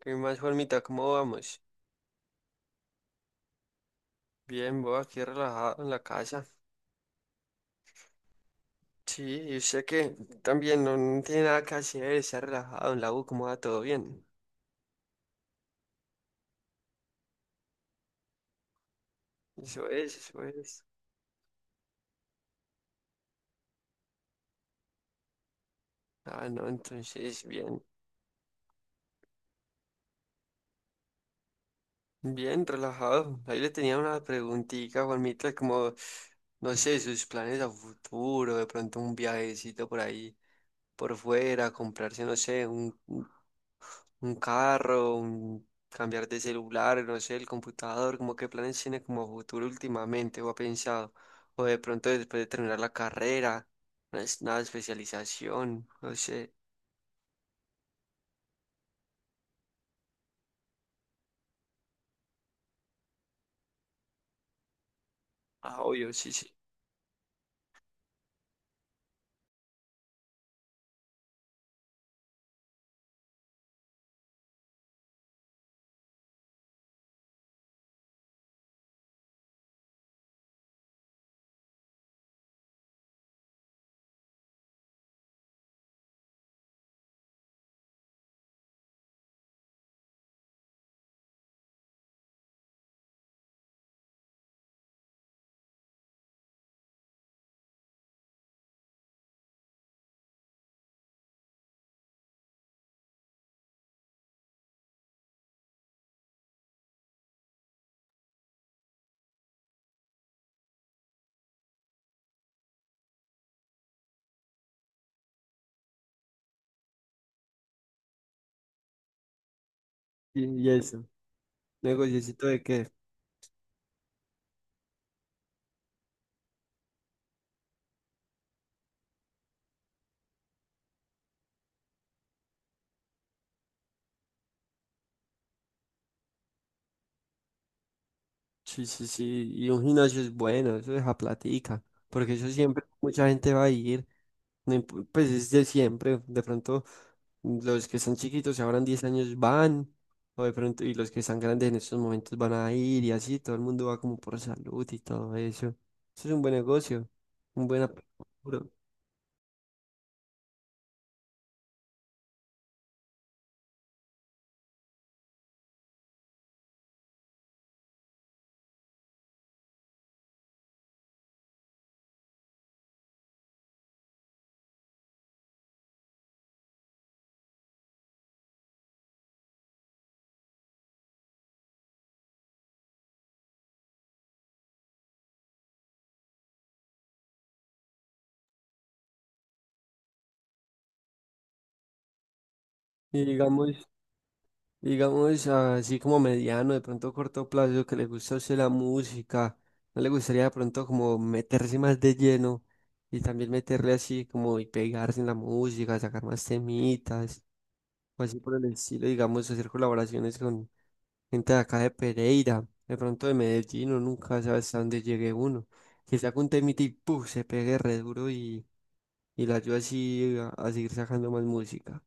¿Qué más, Juanmita? ¿Cómo vamos? Bien, vos aquí relajado en la casa. Sí, y usted que también no tiene nada que hacer, está relajado en la U, ¿cómo va todo bien? Eso es, eso es. Ah, no, entonces, bien, relajado. Ahí le tenía una preguntita, Juanmita, como, no sé, sus planes a futuro, de pronto un viajecito por ahí, por fuera, comprarse, no sé, un carro, un cambiar de celular, no sé, el computador, como qué planes tiene como futuro últimamente o ha pensado, o de pronto después de terminar la carrera, una, una especialización, no sé, ah, obvio, sí, sí. Y eso, negociecito de qué. Sí, sí, sí. Y un gimnasio es bueno, eso deja platica. Porque eso siempre mucha gente va a ir. No imp- Pues es de siempre, de pronto los que están chiquitos si habrán 10 años van, o de pronto, y los que están grandes en estos momentos van a ir y así, todo el mundo va como por salud y todo eso. Eso es un buen negocio, un buen apuro. Y digamos, digamos así como mediano, de pronto corto plazo, que le gusta a usted la música, no le gustaría de pronto como meterse más de lleno y también meterle así como y pegarse en la música, sacar más temitas. O así por el estilo, digamos, hacer colaboraciones con gente de acá de Pereira, de pronto de Medellín, o nunca sabes hasta dónde llegue uno, que saca un temita y ¡puf! Se pegue re duro y la ayuda así a seguir sacando más música.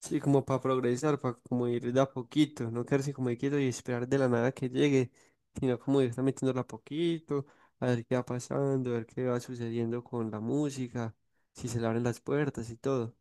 Sí, como para progresar, para como ir de a poquito, no quedarse como quieto y esperar de la nada que llegue, sino como ir metiéndola a poquito, a ver qué va pasando, a ver qué va sucediendo con la música, si se le abren las puertas y todo.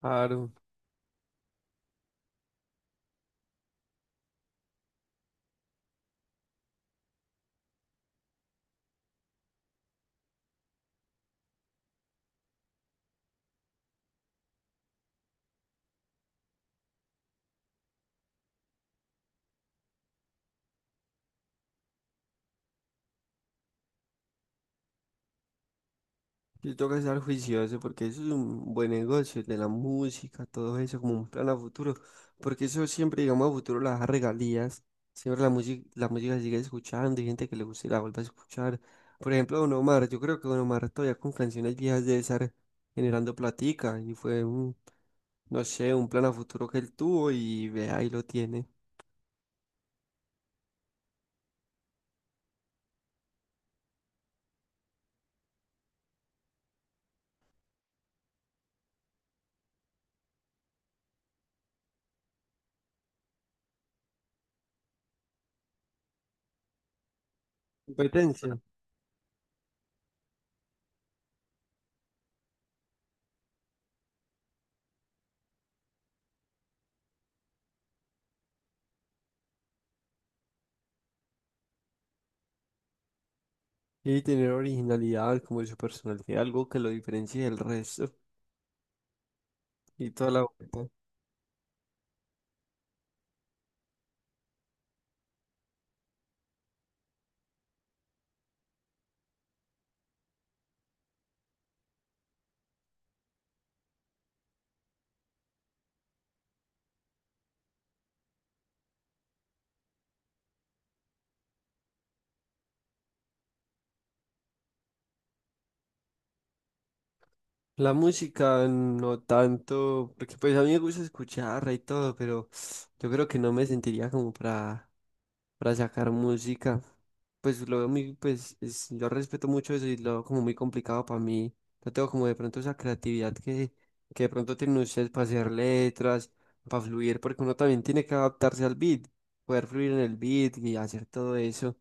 Claro. Sí, toca estar juicioso porque eso es un buen negocio, el de la música, todo eso, como un plan a futuro. Porque eso siempre, digamos, a futuro las regalías. Siempre la música se sigue escuchando y gente que le guste la vuelve a escuchar. Por ejemplo, Don Omar, yo creo que Don Omar todavía con canciones viejas debe estar generando platica. Y fue un, no sé, un plan a futuro que él tuvo y ve, ahí lo tiene. Competencia. Y tener originalidad como su personalidad, algo que lo diferencie del resto y toda la vuelta. La música no tanto, porque pues a mí me gusta escucharla y todo, pero yo creo que no me sentiría como para sacar música. Pues lo veo muy, yo respeto mucho eso y lo veo como muy complicado para mí. No tengo como de pronto esa creatividad que de pronto tienen ustedes para hacer letras, para fluir, porque uno también tiene que adaptarse al beat, poder fluir en el beat y hacer todo eso.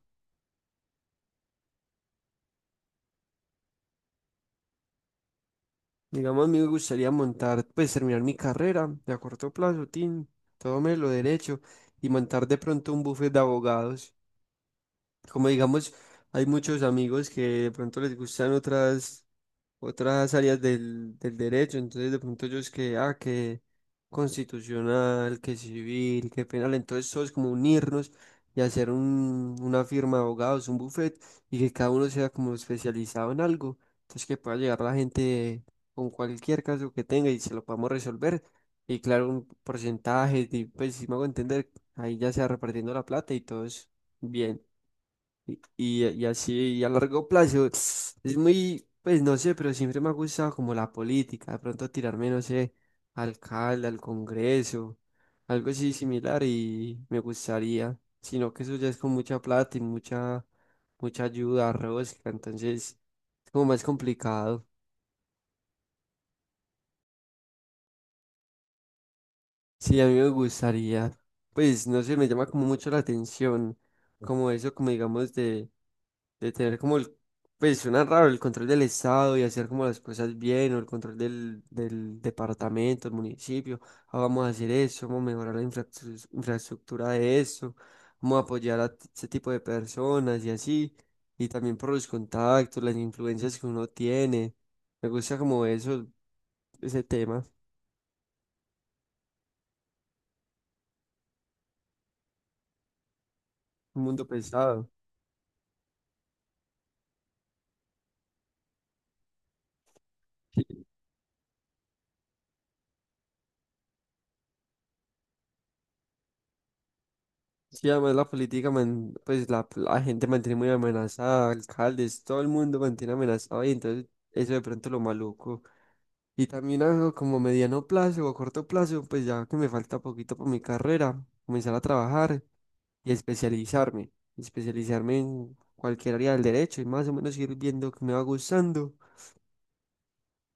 Digamos, a mí me gustaría montar, pues terminar mi carrera de a corto plazo, tin, todo me lo derecho, y montar de pronto un buffet de abogados. Como digamos, hay muchos amigos que de pronto les gustan otras áreas del derecho, entonces de pronto ellos que, ah, que constitucional, que civil, que penal, entonces todos como unirnos y hacer un, una firma de abogados, un buffet, y que cada uno sea como especializado en algo, entonces que pueda llegar la gente con cualquier caso que tenga y se lo podamos resolver, y claro, un porcentaje, y pues si me hago entender, ahí ya se va repartiendo la plata y todo es bien. Y así, y a largo plazo, es muy, pues no sé, pero siempre me ha gustado como la política, de pronto tirarme, no sé, alcalde, al Congreso, algo así similar y me gustaría, sino que eso ya es con mucha plata y mucha, mucha ayuda, rosca, entonces es como más complicado. Sí, a mí me gustaría, pues no sé, me llama como mucho la atención, como eso, como digamos de tener como el, pues suena raro, el control del estado y hacer como las cosas bien, o el control del departamento, el municipio, ah, vamos a hacer eso, vamos a mejorar la infraestructura de eso, vamos a apoyar a ese tipo de personas y así, y también por los contactos, las influencias que uno tiene, me gusta como eso, ese tema, un mundo pesado. Sí, además la política, pues la gente mantiene muy amenazada, alcaldes, todo el mundo mantiene amenazado y entonces eso de pronto lo maluco. Y también algo como mediano plazo o corto plazo, pues ya que me falta poquito para mi carrera, comenzar a trabajar y especializarme, especializarme en cualquier área del derecho y más o menos ir viendo que me va gustando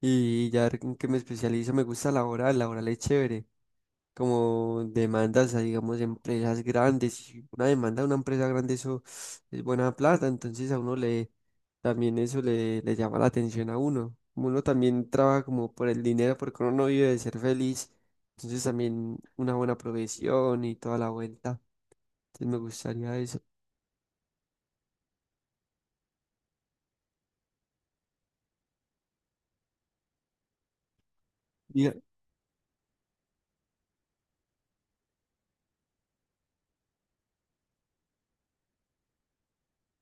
y ya en que me especializo me gusta laboral, laboral es chévere como demandas a, digamos, empresas grandes. Y una demanda a una empresa grande, eso es buena plata, entonces a uno le, también eso le, le llama la atención a uno. Como uno también trabaja como por el dinero, porque uno no vive de ser feliz, entonces también una buena profesión y toda la vuelta. Entonces me gustaría eso. Diga-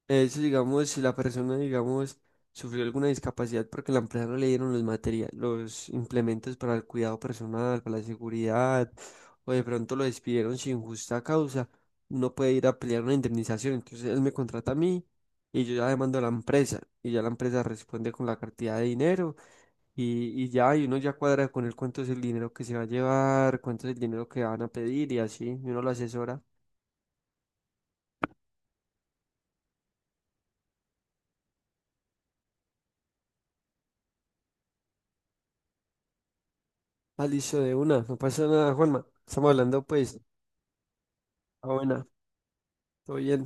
Es, digamos, si la persona, digamos, sufrió alguna discapacidad porque la empresa no le dieron los materiales, los implementos para el cuidado personal, para la seguridad, o de pronto lo despidieron sin justa causa, no puede ir a pelear una indemnización. Entonces él me contrata a mí y yo ya demando a la empresa y ya la empresa responde con la cantidad de dinero y ya, y uno ya cuadra con él cuánto es el dinero que se va a llevar, cuánto es el dinero que van a pedir y así, y uno lo asesora. Ah, listo, de una, no pasa nada, Juanma. Estamos hablando pues. Ah, buena, todo bien.